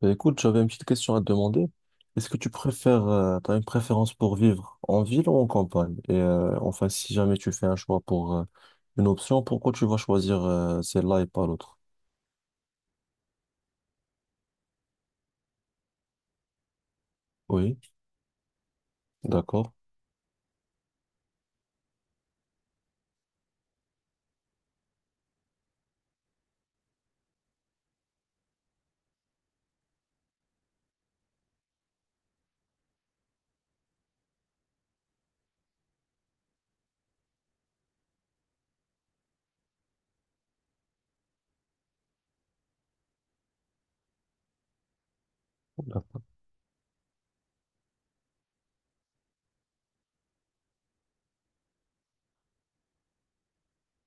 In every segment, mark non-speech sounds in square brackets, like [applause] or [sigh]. Bah, écoute, j'avais une petite question à te demander. Est-ce que tu préfères, t'as une préférence pour vivre en ville ou en campagne? Et enfin, si jamais tu fais un choix pour une option, pourquoi tu vas choisir celle-là et pas l'autre? Oui, d'accord.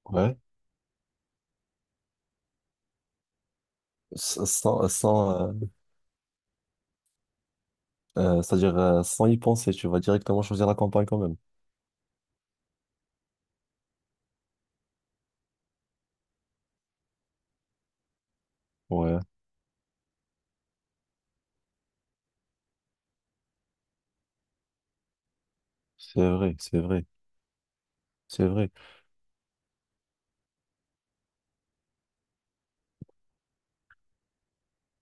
Ouais. Sans, c'est-à-dire sans y penser, tu vas directement choisir la campagne quand même. Ouais, c'est vrai, c'est vrai, c'est vrai,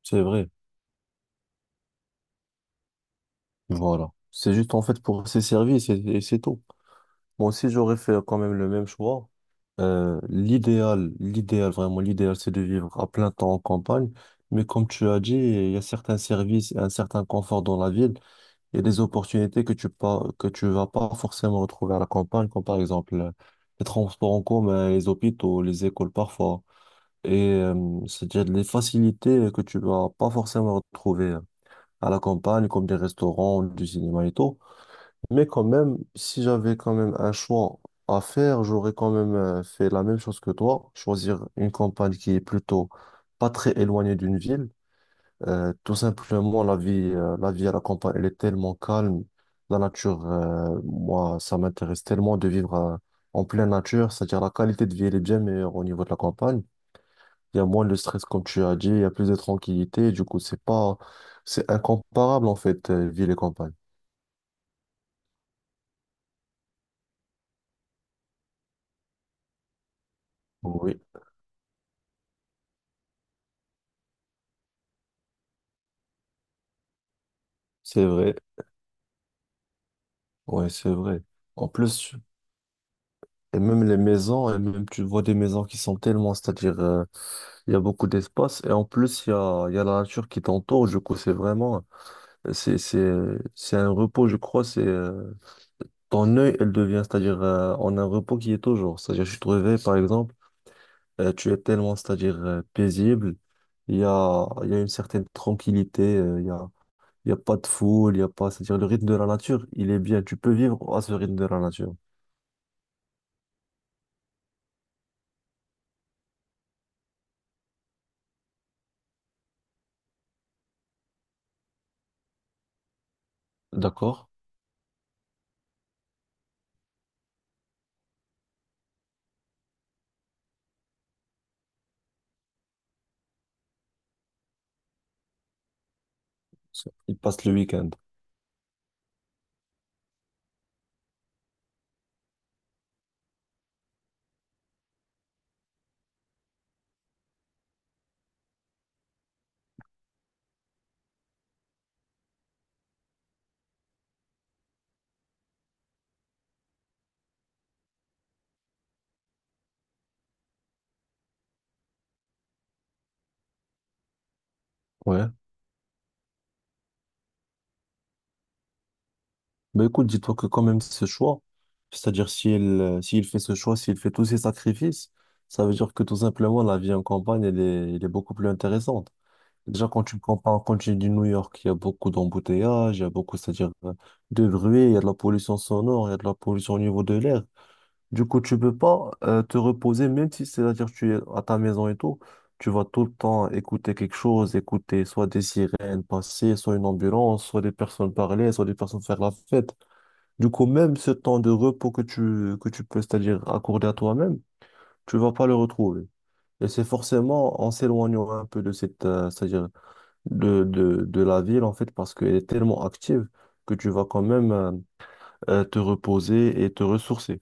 c'est vrai. Voilà. C'est juste en fait pour ses services et c'est tout. Moi aussi, j'aurais fait quand même le même choix. Vraiment, l'idéal, c'est de vivre à plein temps en campagne. Mais comme tu as dit, il y a certains services et un certain confort dans la ville et des opportunités que tu vas pas forcément retrouver à la campagne, comme par exemple les transports en commun, les hôpitaux, les écoles parfois. Et c'est-à-dire les facilités que tu vas pas forcément retrouver à la campagne, comme des restaurants, du cinéma et tout. Mais quand même, si j'avais quand même un choix à faire, j'aurais quand même fait la même chose que toi, choisir une campagne qui est plutôt pas très éloignée d'une ville. Tout simplement, la vie à la campagne, elle est tellement calme. Moi, ça m'intéresse tellement de vivre en pleine nature. C'est-à-dire, la qualité de vie, elle est bien meilleure au niveau de la campagne. Il y a moins de stress, comme tu as dit, il y a plus de tranquillité. Du coup, c'est pas, c'est incomparable, en fait, ville et campagne. Oui, c'est vrai. Ouais, c'est vrai. En plus, tu- et même les maisons, et même tu vois des maisons qui sont tellement, c'est-à-dire, il y a beaucoup d'espace, et en plus, il y a la nature qui t'entoure, du coup, c'est vraiment, c'est, c'est, c'est un repos, je crois, ton œil, elle devient, c'est-à-dire, on a un repos qui est toujours, c'est-à-dire, tu te réveilles, par exemple, tu es tellement, c'est-à-dire, paisible, il y a une certaine tranquillité, il y a pas de foule, il y a pas, c'est-à-dire, le rythme de la nature, il est bien, tu peux vivre à ce rythme de la nature. D'accord? Il passe le week-end. Ouais. Bah écoute, dis-toi que quand même ce choix, c'est-à-dire s'il fait ce choix, s'il fait tous ces sacrifices, ça veut dire que tout simplement la vie en campagne, elle est beaucoup plus intéressante. Déjà, quand tu me compares, quand tu dis New York, il y a beaucoup d'embouteillages, il y a beaucoup, c'est-à-dire de bruit, il y a de la pollution sonore, il y a de la pollution au niveau de l'air. Du coup, tu peux pas te reposer, même si c'est-à-dire tu es à ta maison et tout, tu vas tout le temps écouter quelque chose, écouter soit des sirènes passer, soit une ambulance, soit des personnes parler, soit des personnes faire la fête. Du coup, même ce temps de repos que tu peux, c'est-à-dire accorder à toi-même, tu vas pas le retrouver. Et c'est forcément en s'éloignant un peu de cette, c'est-à-dire de la ville, en fait, parce qu'elle est tellement active que tu vas quand même te reposer et te ressourcer.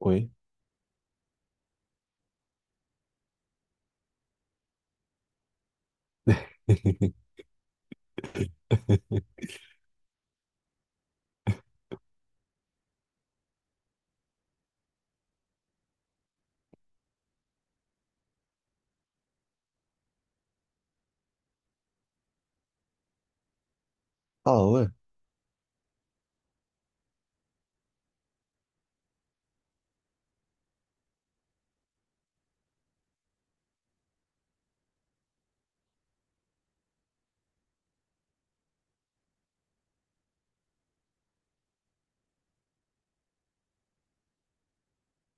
Oui. [laughs] Ah ouais,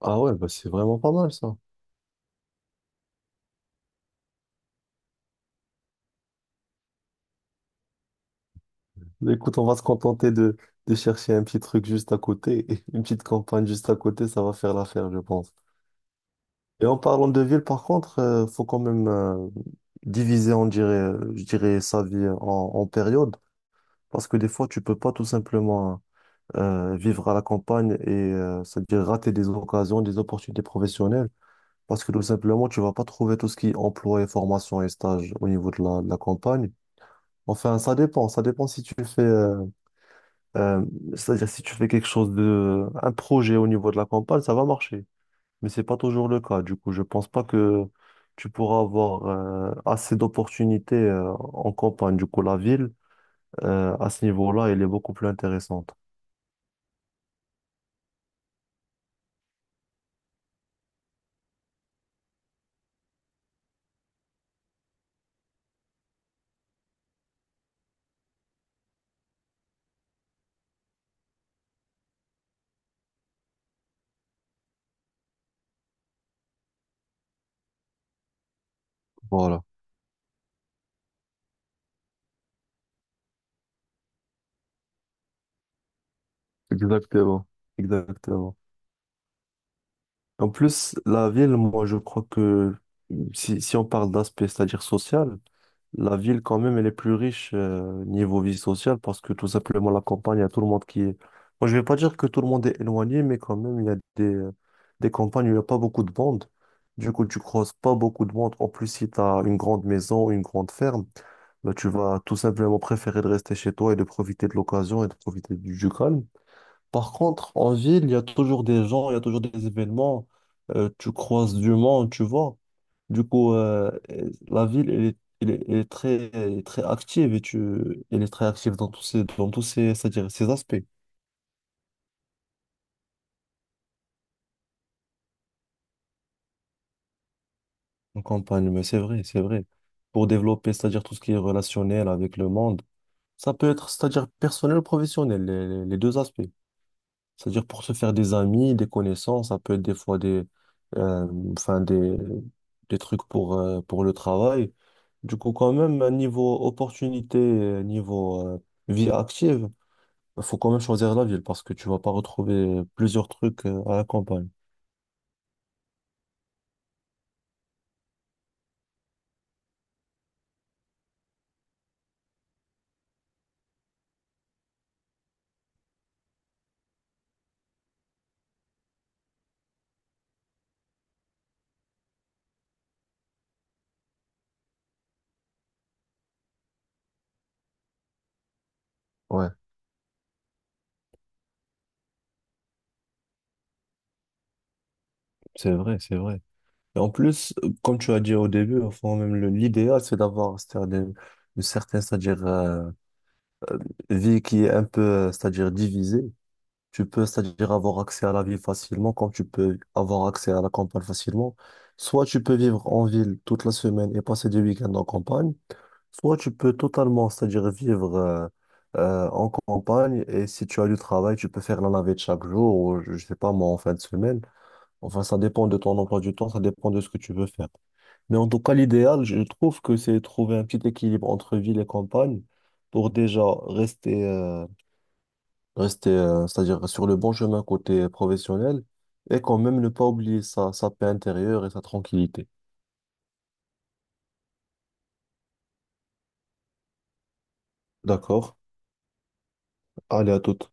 ah ouais, bah c'est vraiment pas mal ça. Mais écoute, on va se contenter de chercher un petit truc juste à côté, [laughs] une petite campagne juste à côté, ça va faire l'affaire, je pense. Et en parlant de ville, par contre, faut quand même diviser, on dirait, je dirais, en périodes, parce que des fois, tu peux pas tout simplement vivre à la campagne et c'est-à-dire rater des occasions, des opportunités professionnelles, parce que tout simplement, tu vas pas trouver tout ce qui est emploi et formation et stage au niveau de de la campagne. Enfin, ça dépend si tu fais, euh, c'est-à-dire si tu fais quelque chose de, un projet au niveau de la campagne, ça va marcher mais c'est pas toujours le cas. Du coup, je pense pas que tu pourras avoir assez d'opportunités en campagne. Du coup, la ville, à ce niveau-là, elle est beaucoup plus intéressante. Voilà, exactement. Exactement. En plus, la ville, moi, je crois que si on parle d'aspect, c'est-à-dire social, la ville, quand même, elle est plus riche niveau vie sociale parce que tout simplement, la campagne, il y a tout le monde qui est. Moi, je vais pas dire que tout le monde est éloigné, mais quand même, il y a des campagnes où il n'y a pas beaucoup de monde. Du coup, tu croises pas beaucoup de monde. En plus, si tu as une grande maison, une grande ferme, bah, tu vas tout simplement préférer de rester chez toi et de profiter de l'occasion et de profiter du calme. Par contre, en ville, il y a toujours des gens, il y a toujours des événements, tu croises du monde, tu vois. Du coup, euh, la ville, elle est très active elle est très active dans tous ces, c'est-à-dire ces aspects. En campagne, mais c'est vrai, c'est vrai. Pour développer, c'est-à-dire tout ce qui est relationnel avec le monde, ça peut être, c'est-à-dire personnel ou professionnel, les deux aspects. C'est-à-dire pour se faire des amis, des connaissances, ça peut être des fois des, euh, enfin des trucs pour le travail. Du coup, quand même, niveau opportunité, niveau vie active, il faut quand même choisir la ville parce que tu vas pas retrouver plusieurs trucs à la campagne. Ouais, c'est vrai, c'est vrai. Et en plus, comme tu as dit au début, enfin, même l'idéal, c'est d'avoir une certaine, vie qui est un peu, c'est-à-dire divisée. Tu peux, c'est-à-dire avoir accès à la ville facilement, comme tu peux avoir accès à la campagne facilement. Soit tu peux vivre en ville toute la semaine et passer des week-ends en campagne, soit tu peux totalement, c'est-à-dire vivre en campagne et si tu as du travail, tu peux faire la navette chaque jour ou je sais pas moi en fin de semaine. Enfin, ça dépend de ton emploi du temps, ça dépend de ce que tu veux faire. Mais en tout cas, l'idéal, je trouve que c'est trouver un petit équilibre entre ville et campagne pour déjà rester, c'est-à-dire sur le bon chemin côté professionnel et quand même ne pas oublier sa paix intérieure et sa tranquillité. D'accord? Allez, à toute.